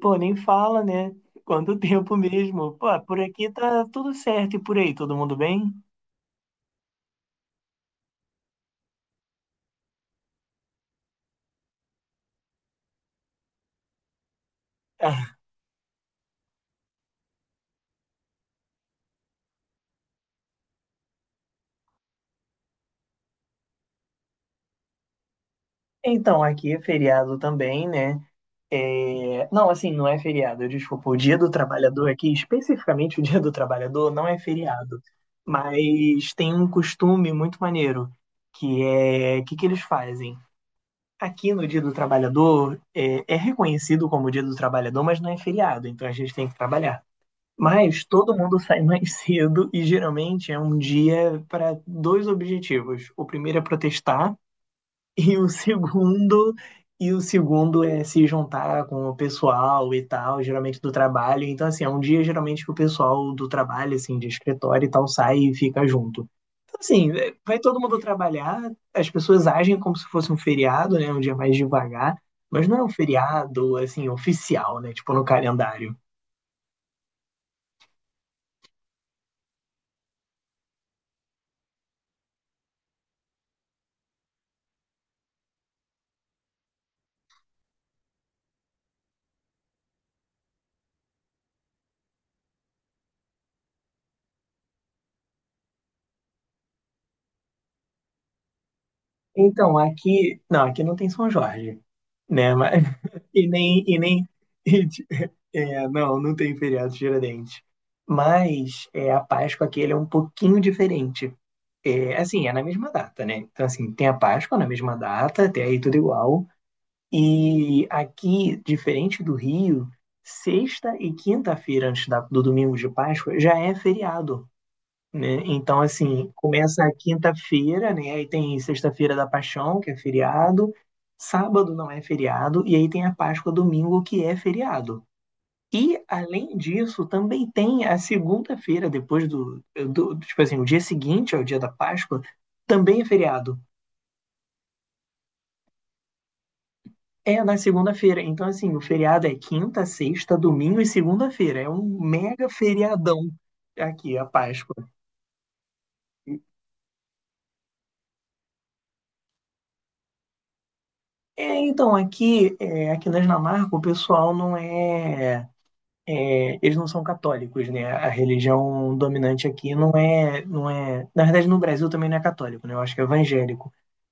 Pô, nem fala, né? Quanto tempo mesmo. Pô, por aqui tá tudo certo e por aí, todo mundo bem? Então, aqui é feriado também, né? É, não, assim, não é feriado. Desculpa, o Dia do Trabalhador aqui, especificamente o Dia do Trabalhador, não é feriado. Mas tem um costume muito maneiro, o que que eles fazem? Aqui no Dia do Trabalhador, é reconhecido como Dia do Trabalhador, mas não é feriado, então a gente tem que trabalhar. Mas todo mundo sai mais cedo e geralmente é um dia para dois objetivos. O primeiro é protestar e o segundo e o segundo é se juntar com o pessoal e tal, geralmente do trabalho. Então assim, é um dia geralmente que o pessoal do trabalho, assim, de escritório e tal, sai e fica junto. Então assim, vai todo mundo trabalhar, as pessoas agem como se fosse um feriado, né, um dia mais devagar, mas não é um feriado assim oficial, né, tipo no calendário. Então, aqui, não, aqui não tem São Jorge, né? Mas, e nem. E nem é, não, não tem feriado de Tiradentes. Mas é, a Páscoa aqui ele é um pouquinho diferente. É, assim, é na mesma data, né? Então, assim, tem a Páscoa na mesma data, até aí tudo igual. E aqui, diferente do Rio, sexta e quinta-feira antes do domingo de Páscoa já é feriado, né? Então, assim, começa a quinta-feira, né? Aí tem sexta-feira da Paixão, que é feriado. Sábado não é feriado. E aí tem a Páscoa domingo, que é feriado. E, além disso, também tem a segunda-feira, depois do. Tipo assim, o dia seguinte ao dia da Páscoa, também é feriado. É na segunda-feira. Então, assim, o feriado é quinta, sexta, domingo e segunda-feira. É um mega feriadão aqui, a Páscoa. É, então, aqui, aqui na Dinamarca, o pessoal não é, é, eles não são católicos, né? A religião dominante aqui não é, não é. Na verdade, no Brasil também não é católico, né? Eu acho que é evangélico.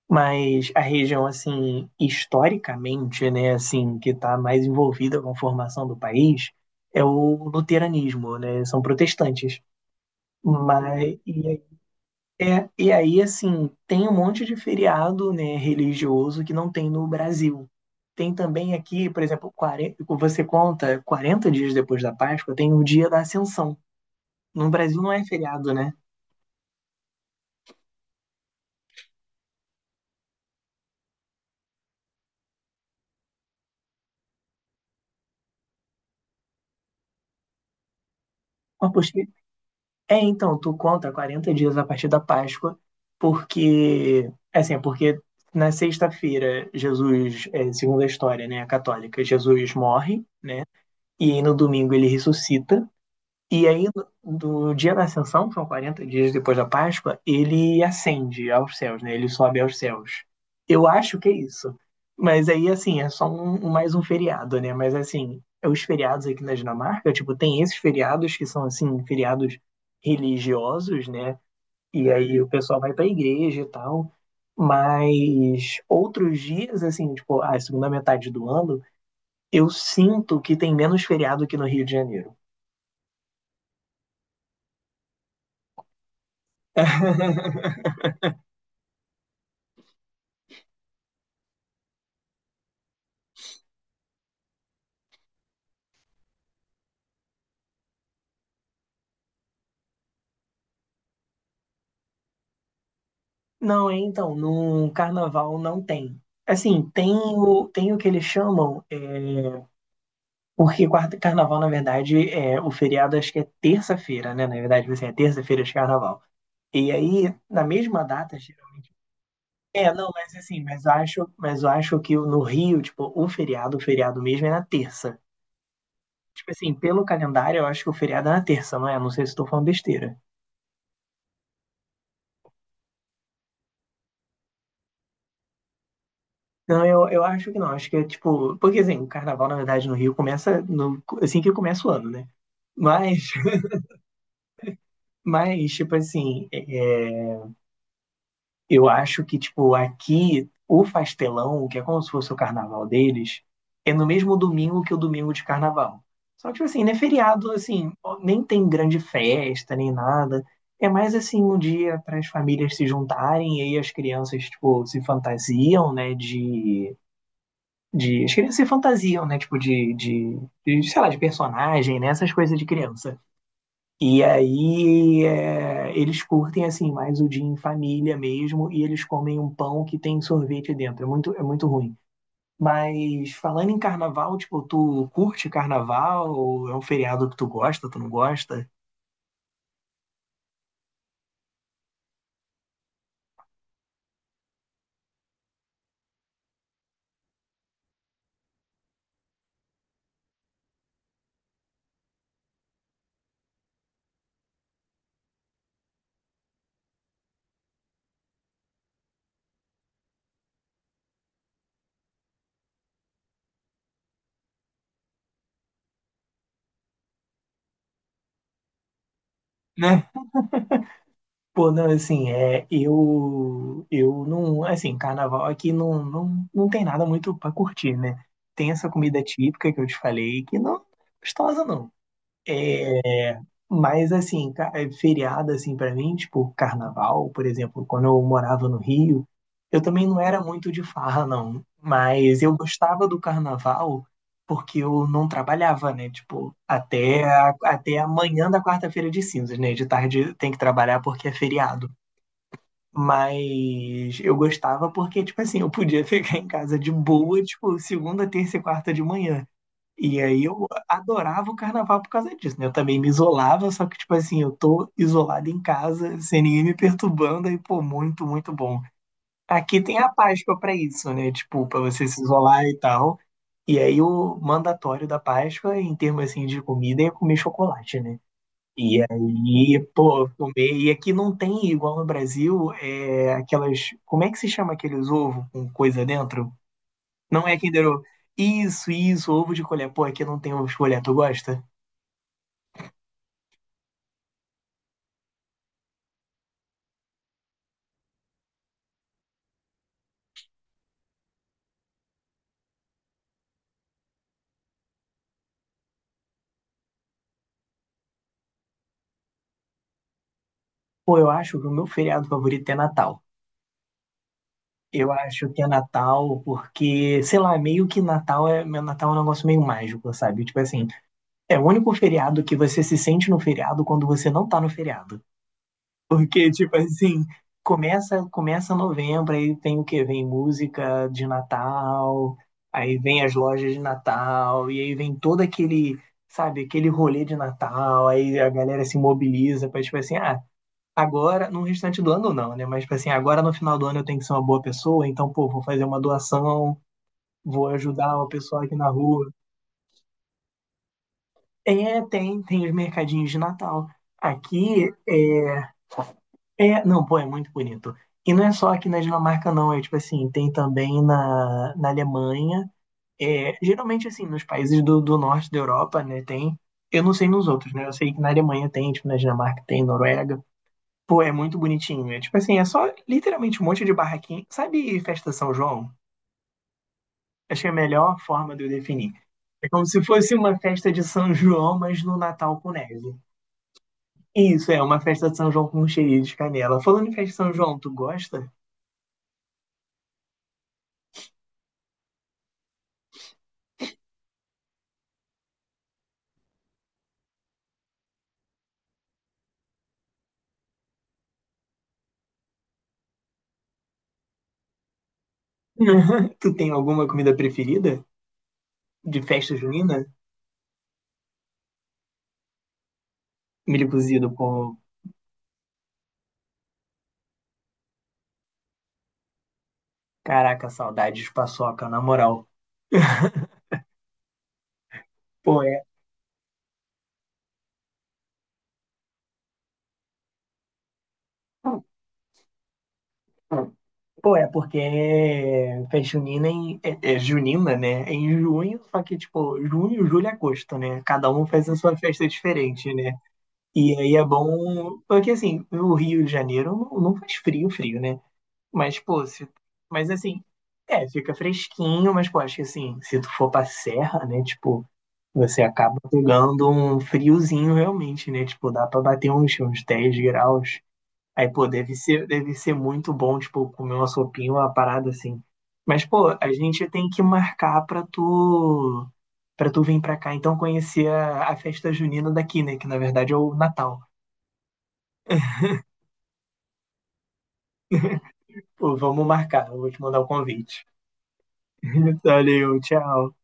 Mas a região, assim, historicamente, né, assim, que está mais envolvida com a formação do país é o luteranismo, né? São protestantes. Mas, é, e aí, assim, tem um monte de feriado, né, religioso, que não tem no Brasil. Tem também aqui, por exemplo, 40, você conta 40 dias depois da Páscoa, tem o dia da Ascensão. No Brasil não é feriado, né? Mas, poxa, é, então, tu conta 40 dias a partir da Páscoa, porque, assim, porque na sexta-feira, Jesus, segundo a história, né, católica, Jesus morre, né, e aí no domingo ele ressuscita. E aí, do dia da Ascensão, que são 40 dias depois da Páscoa, ele ascende aos céus, né? Ele sobe aos céus. Eu acho que é isso. Mas aí, assim, é só mais um feriado, né? Mas, assim, é, os feriados aqui na Dinamarca, tipo, tem esses feriados que são, assim, feriados religiosos, né? E aí o pessoal vai pra igreja e tal. Mas outros dias, assim, tipo, a segunda metade do ano, eu sinto que tem menos feriado que no Rio de Janeiro. Não, é, então, no carnaval não tem. Assim, tem o que eles chamam, porque quarta, carnaval, na verdade, é o feriado, acho que é terça-feira, né? Na verdade, você é terça-feira de carnaval. E aí, na mesma data, geralmente. É, não, mas assim, mas eu acho que no Rio, tipo, o feriado mesmo é na terça. Tipo assim, pelo calendário, eu acho que o feriado é na terça, não é? Não sei se estou falando besteira. Não, eu acho que não. Acho que é tipo. Porque assim, o carnaval, na verdade, no Rio começa no, assim que começa o ano, né? Mas, mas tipo assim, eu acho que, tipo, aqui o Fastelão, que é como se fosse o carnaval deles, é no mesmo domingo que o domingo de carnaval. Só que, tipo assim, né, feriado, assim, nem tem grande festa, nem nada. É mais assim um dia para as famílias se juntarem, e aí as crianças, tipo, se fantasiam, né, de de. As crianças se fantasiam, né? Tipo, de, sei lá, de personagem, né? Essas coisas de criança. E aí eles curtem, assim, mais o dia em família mesmo, e eles comem um pão que tem sorvete dentro. É muito ruim. Mas falando em carnaval, tipo, tu curte carnaval? É um feriado que tu gosta, tu não gosta? Né? Pô, não, assim, eu não, assim, carnaval aqui não, não, não tem nada muito pra curtir, né? Tem essa comida típica que eu te falei, que não é gostosa, não. É, mas, assim, feriado, assim, pra mim, tipo, carnaval, por exemplo, quando eu morava no Rio, eu também não era muito de farra, não. Mas eu gostava do carnaval porque eu não trabalhava, né? Tipo, até, até amanhã da quarta-feira de cinzas, né? De tarde tem que trabalhar porque é feriado. Mas eu gostava porque, tipo assim, eu podia ficar em casa de boa, tipo, segunda, terça e quarta de manhã. E aí eu adorava o carnaval por causa disso, né? Eu também me isolava, só que, tipo assim, eu tô isolado em casa, sem ninguém me perturbando, aí, pô, muito, muito bom. Aqui tem a Páscoa pra isso, né? Tipo, pra você se isolar e tal. E aí o mandatório da Páscoa, em termos, assim, de comida, é comer chocolate, né? E aí, pô, comer. E aqui não tem, igual no Brasil, aquelas. Como é que se chama aqueles ovos com coisa dentro? Não é Kinder Ovo. Isso, ovo de colher. Pô, aqui não tem ovo de colher, tu gosta? Pô, eu acho que o meu feriado favorito é Natal. Eu acho que é Natal porque, sei lá, meio que Natal é, meu Natal é um negócio meio mágico, sabe? Tipo assim, é o único feriado que você se sente no feriado quando você não tá no feriado. Porque, tipo assim, começa novembro, aí tem o quê? Vem música de Natal, aí vem as lojas de Natal, e aí vem todo aquele, sabe, aquele rolê de Natal, aí a galera se mobiliza pra, tipo assim, ah, agora, no restante do ano não, né? Mas, tipo assim, agora no final do ano eu tenho que ser uma boa pessoa, então, pô, vou fazer uma doação, vou ajudar uma pessoa aqui na rua. É, tem os mercadinhos de Natal. Aqui, não, pô, é muito bonito. E não é só aqui na Dinamarca, não. É tipo assim, tem também na, Alemanha. É, geralmente, assim, nos países do norte da Europa, né, tem. Eu não sei nos outros, né? Eu sei que na Alemanha tem, tipo, na Dinamarca tem, Noruega. Pô, é muito bonitinho. É tipo assim, é só literalmente um monte de barraquinha. Sabe festa São João? Achei a melhor forma de eu definir. É como se fosse uma festa de São João, mas no Natal com neve. Isso, é uma festa de São João com cheirinho de canela. Falando em festa de São João, tu gosta? Tu tem alguma comida preferida de festa junina? Milho cozido, pô. Caraca, saudades de paçoca, na moral. Pô, é. Pô, é porque festa junina é junina, né? É em junho, só que, tipo, junho, julho e agosto, né? Cada um faz a sua festa diferente, né? E aí é bom. Porque, assim, o Rio de Janeiro não, não faz frio, frio, né? Mas, pô, se... mas assim. É, fica fresquinho, mas, pô, acho que assim, se tu for pra serra, né, tipo, você acaba pegando um friozinho realmente, né? Tipo, dá pra bater uns 10 graus. Aí, pô, deve ser muito bom, tipo, comer uma sopinha, uma parada assim. Mas, pô, a gente tem que marcar pra tu, vir pra cá, então conhecer a festa junina daqui, né? Que na verdade é o Natal. Pô, vamos marcar, eu vou te mandar o convite. Valeu, tchau.